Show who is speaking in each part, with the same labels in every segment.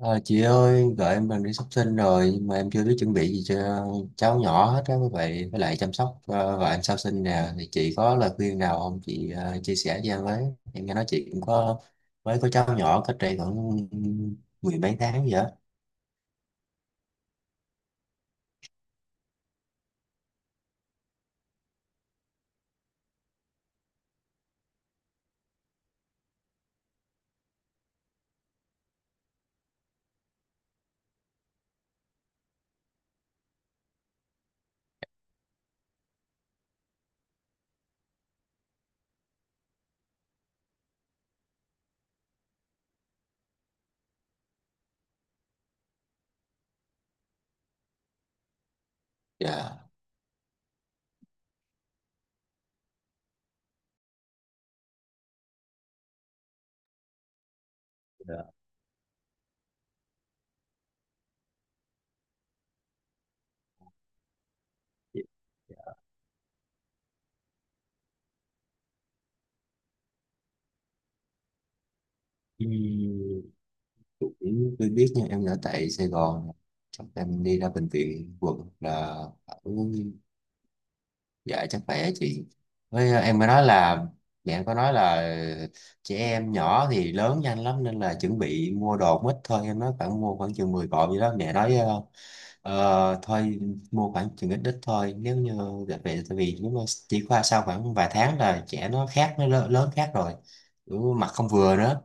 Speaker 1: Ờ, chị ơi, vợ em gần đi sắp sinh rồi nhưng mà em chưa biết chuẩn bị gì cho cháu nhỏ hết á, với lại chăm sóc vợ em sau sinh nè thì chị có lời khuyên nào không chị, chia sẻ cho em với. Em nghe nói chị cũng mới có cháu nhỏ cách đây khoảng mười mấy tháng vậy á. Dạ, Dạ, dạ, dạ. Ừ, cũng tôi biết nha, em ở tại Sài Gòn, chắc em đi ra bệnh viện quận là ở, dạ, chắc bé chị. Với em mới nói là mẹ em có nói là trẻ em nhỏ thì lớn nhanh lắm, nên là chuẩn bị mua đồ cũng ít thôi, em nói mua khoảng chừng 10 cọng gì đó, mẹ nói. Ờ, Thôi, mua khoảng chừng ít ít thôi, nếu như về, tại vì nếu mà chỉ qua sau khoảng vài tháng là trẻ nó khác, nó lớn khác rồi. Ừ, mặt không vừa nữa.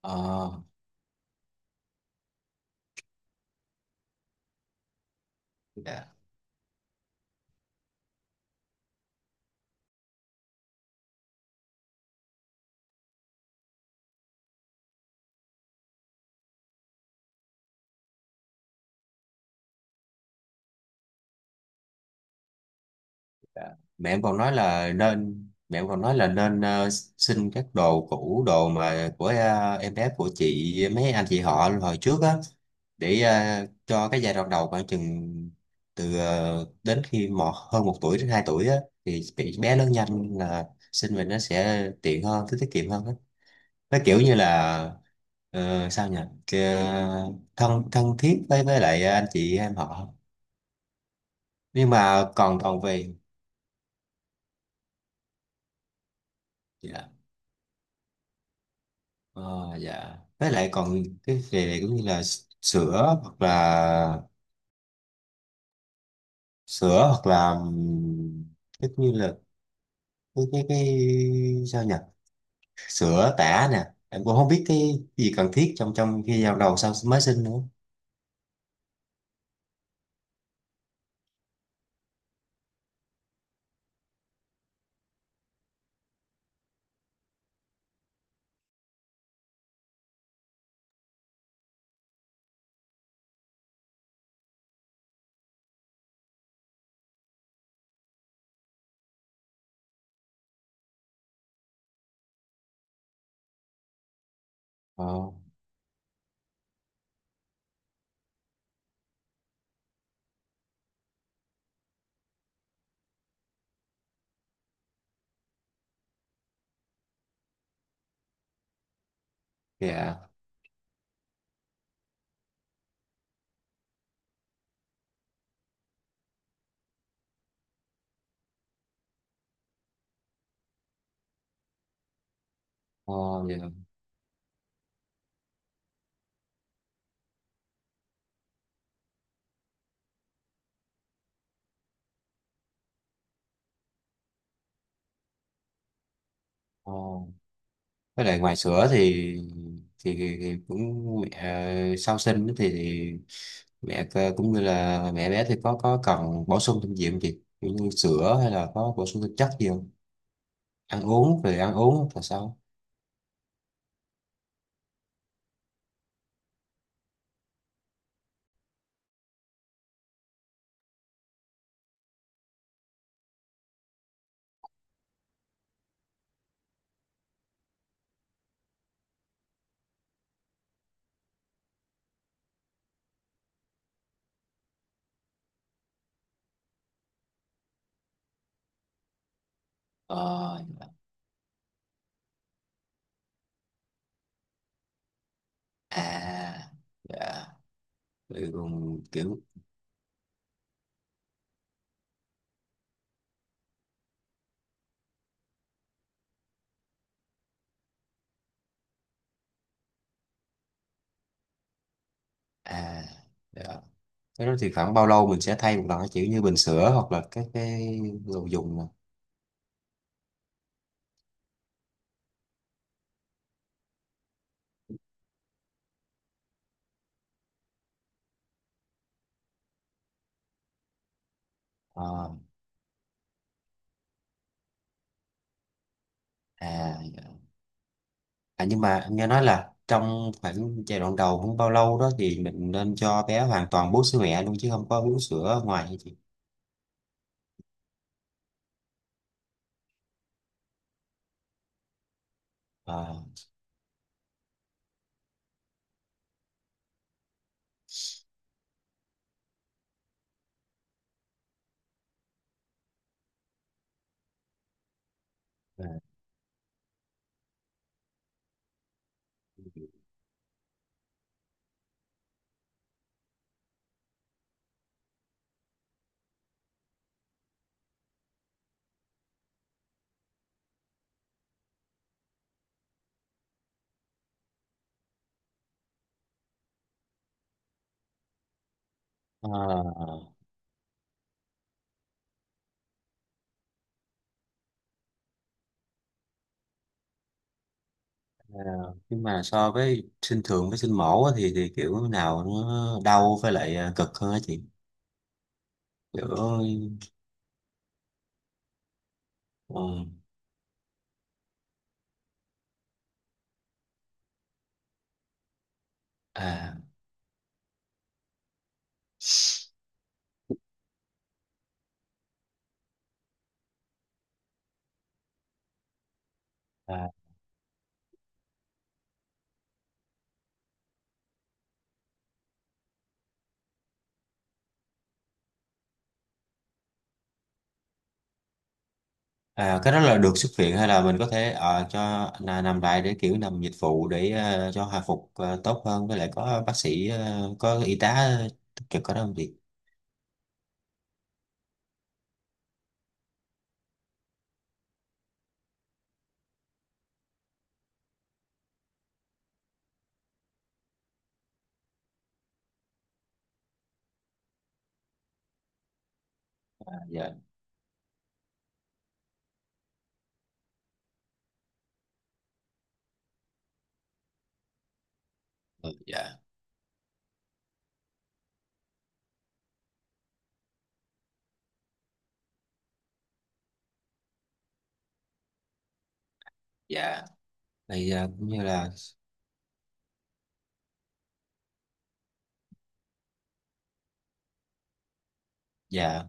Speaker 1: ờ, dạ. Dạ. Mẹ em còn nói là nên xin các đồ cũ, đồ mà của em bé của chị mấy anh chị họ hồi trước á, để cho cái giai đoạn đầu khoảng chừng từ đến khi hơn một tuổi đến hai tuổi á, thì bị bé lớn nhanh là xin về nó sẽ tiện hơn, tiết tiết kiệm hơn á. Nó kiểu như là sao nhỉ, Kì- thân thân thiết với lại anh chị em họ. Nhưng mà còn còn về. Dạ. Ờ, dạ, với lại còn cái về này cũng như là sữa hoặc là, sữa hoặc là ừm, cái như là, cái sao nhỉ, sữa tã nè em cũng không biết cái gì cần thiết trong trong khi giao đầu sau mới sinh nữa. ờ dạ. ờ dạ. ờ với lại ngoài sữa thì, thì cũng, mẹ, sau sinh thì mẹ cũng như là mẹ bé thì có cần bổ sung thêm gì không chị? Kiểu như sữa hay là có bổ sung thêm chất gì không, ăn uống về ăn uống là sao? ờ À, dạ. Vậy còn kiểu, à, dạ. Cái đó thì khoảng bao lâu mình sẽ thay một lần, cái kiểu như bình sữa hoặc là các cái đồ dùng nè? ờ À, dạ. À nhưng mà anh nghe nói là trong khoảng giai đoạn đầu không bao lâu đó thì mình nên cho bé hoàn toàn bú sữa mẹ luôn chứ không có uống sữa ngoài hả chị? À, à, à. Ờ, nhưng mà so với sinh thường với sinh mổ á, thì kiểu nào nó đau với lại, cực hơn á chị? Kiểu, ừ, à, à, à. Cái đó là được xuất viện hay là mình có thể cho là nằm lại, để kiểu nằm dịch vụ để cho hồi phục tốt hơn, với lại có bác sĩ, có y tá túc trực có đó không chị? À, dạ. Ừ, dạ, dạ. Đây, cũng như là, dạ.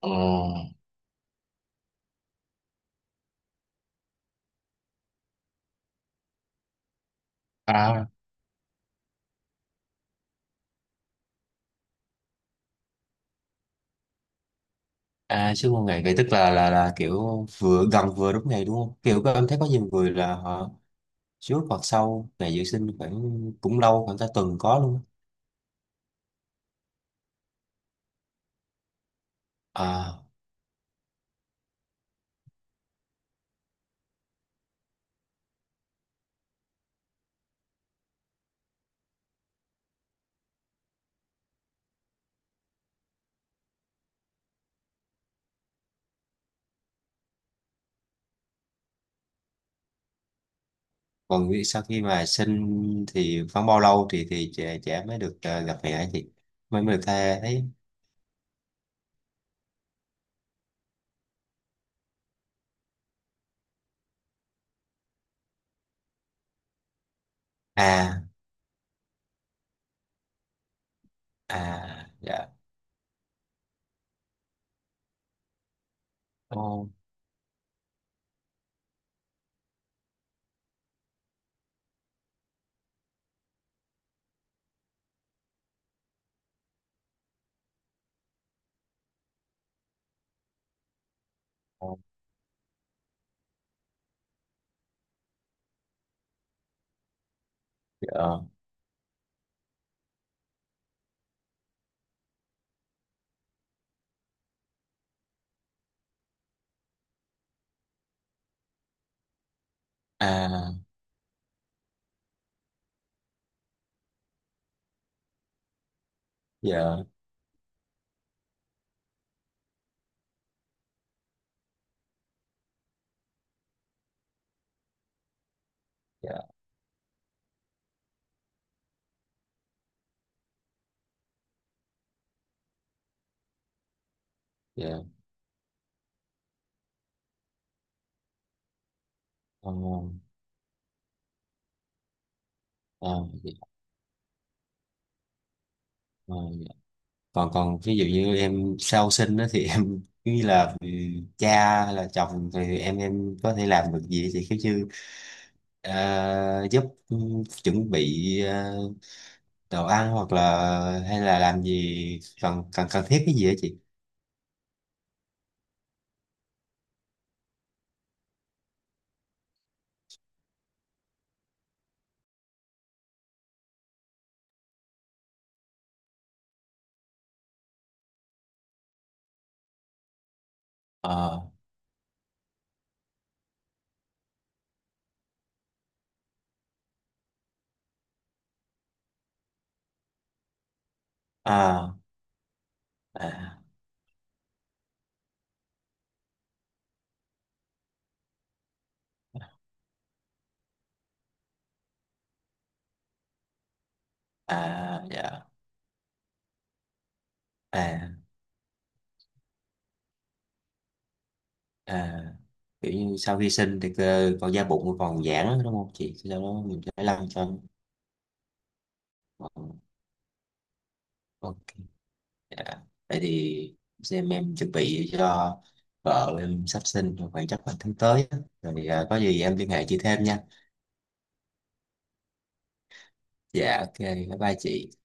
Speaker 1: Ờ. à, À, sư phụ ngày vậy tức là kiểu vừa gần vừa đúng ngày đúng không? Kiểu các em thấy có nhiều người là họ trước hoặc sau ngày dự sinh khoảng cũng lâu, khoảng cả tuần có luôn. Á. À, còn nghĩ sau khi mà sinh thì khoảng bao lâu thì trẻ trẻ mới được gặp mẹ thì mới mới được tha thấy? À. À, dạ. Ô. Ô, dạ. À, dạ, dạ, dạ. Ô, ô, dạ, còn còn ví dụ như em sau sinh đó thì em cứ như là, cha hay là chồng thì em có thể làm được gì thì cứ như giúp, chuẩn bị đồ ăn hoặc là hay là làm gì cần cần cần thiết cái gì đó chị? ờ À, à, à, dạ, à, à, kiểu như sau khi sinh thì còn da bụng còn giãn đúng không chị, sau đó mình phải làm cho, ờ ok. Dạ. Thế thì, xem em chuẩn bị cho vợ em sắp sinh rồi, khoảng chắc là tháng tới á, rồi có gì em liên hệ chị thêm nha. Dạ, ok, bye bye chị.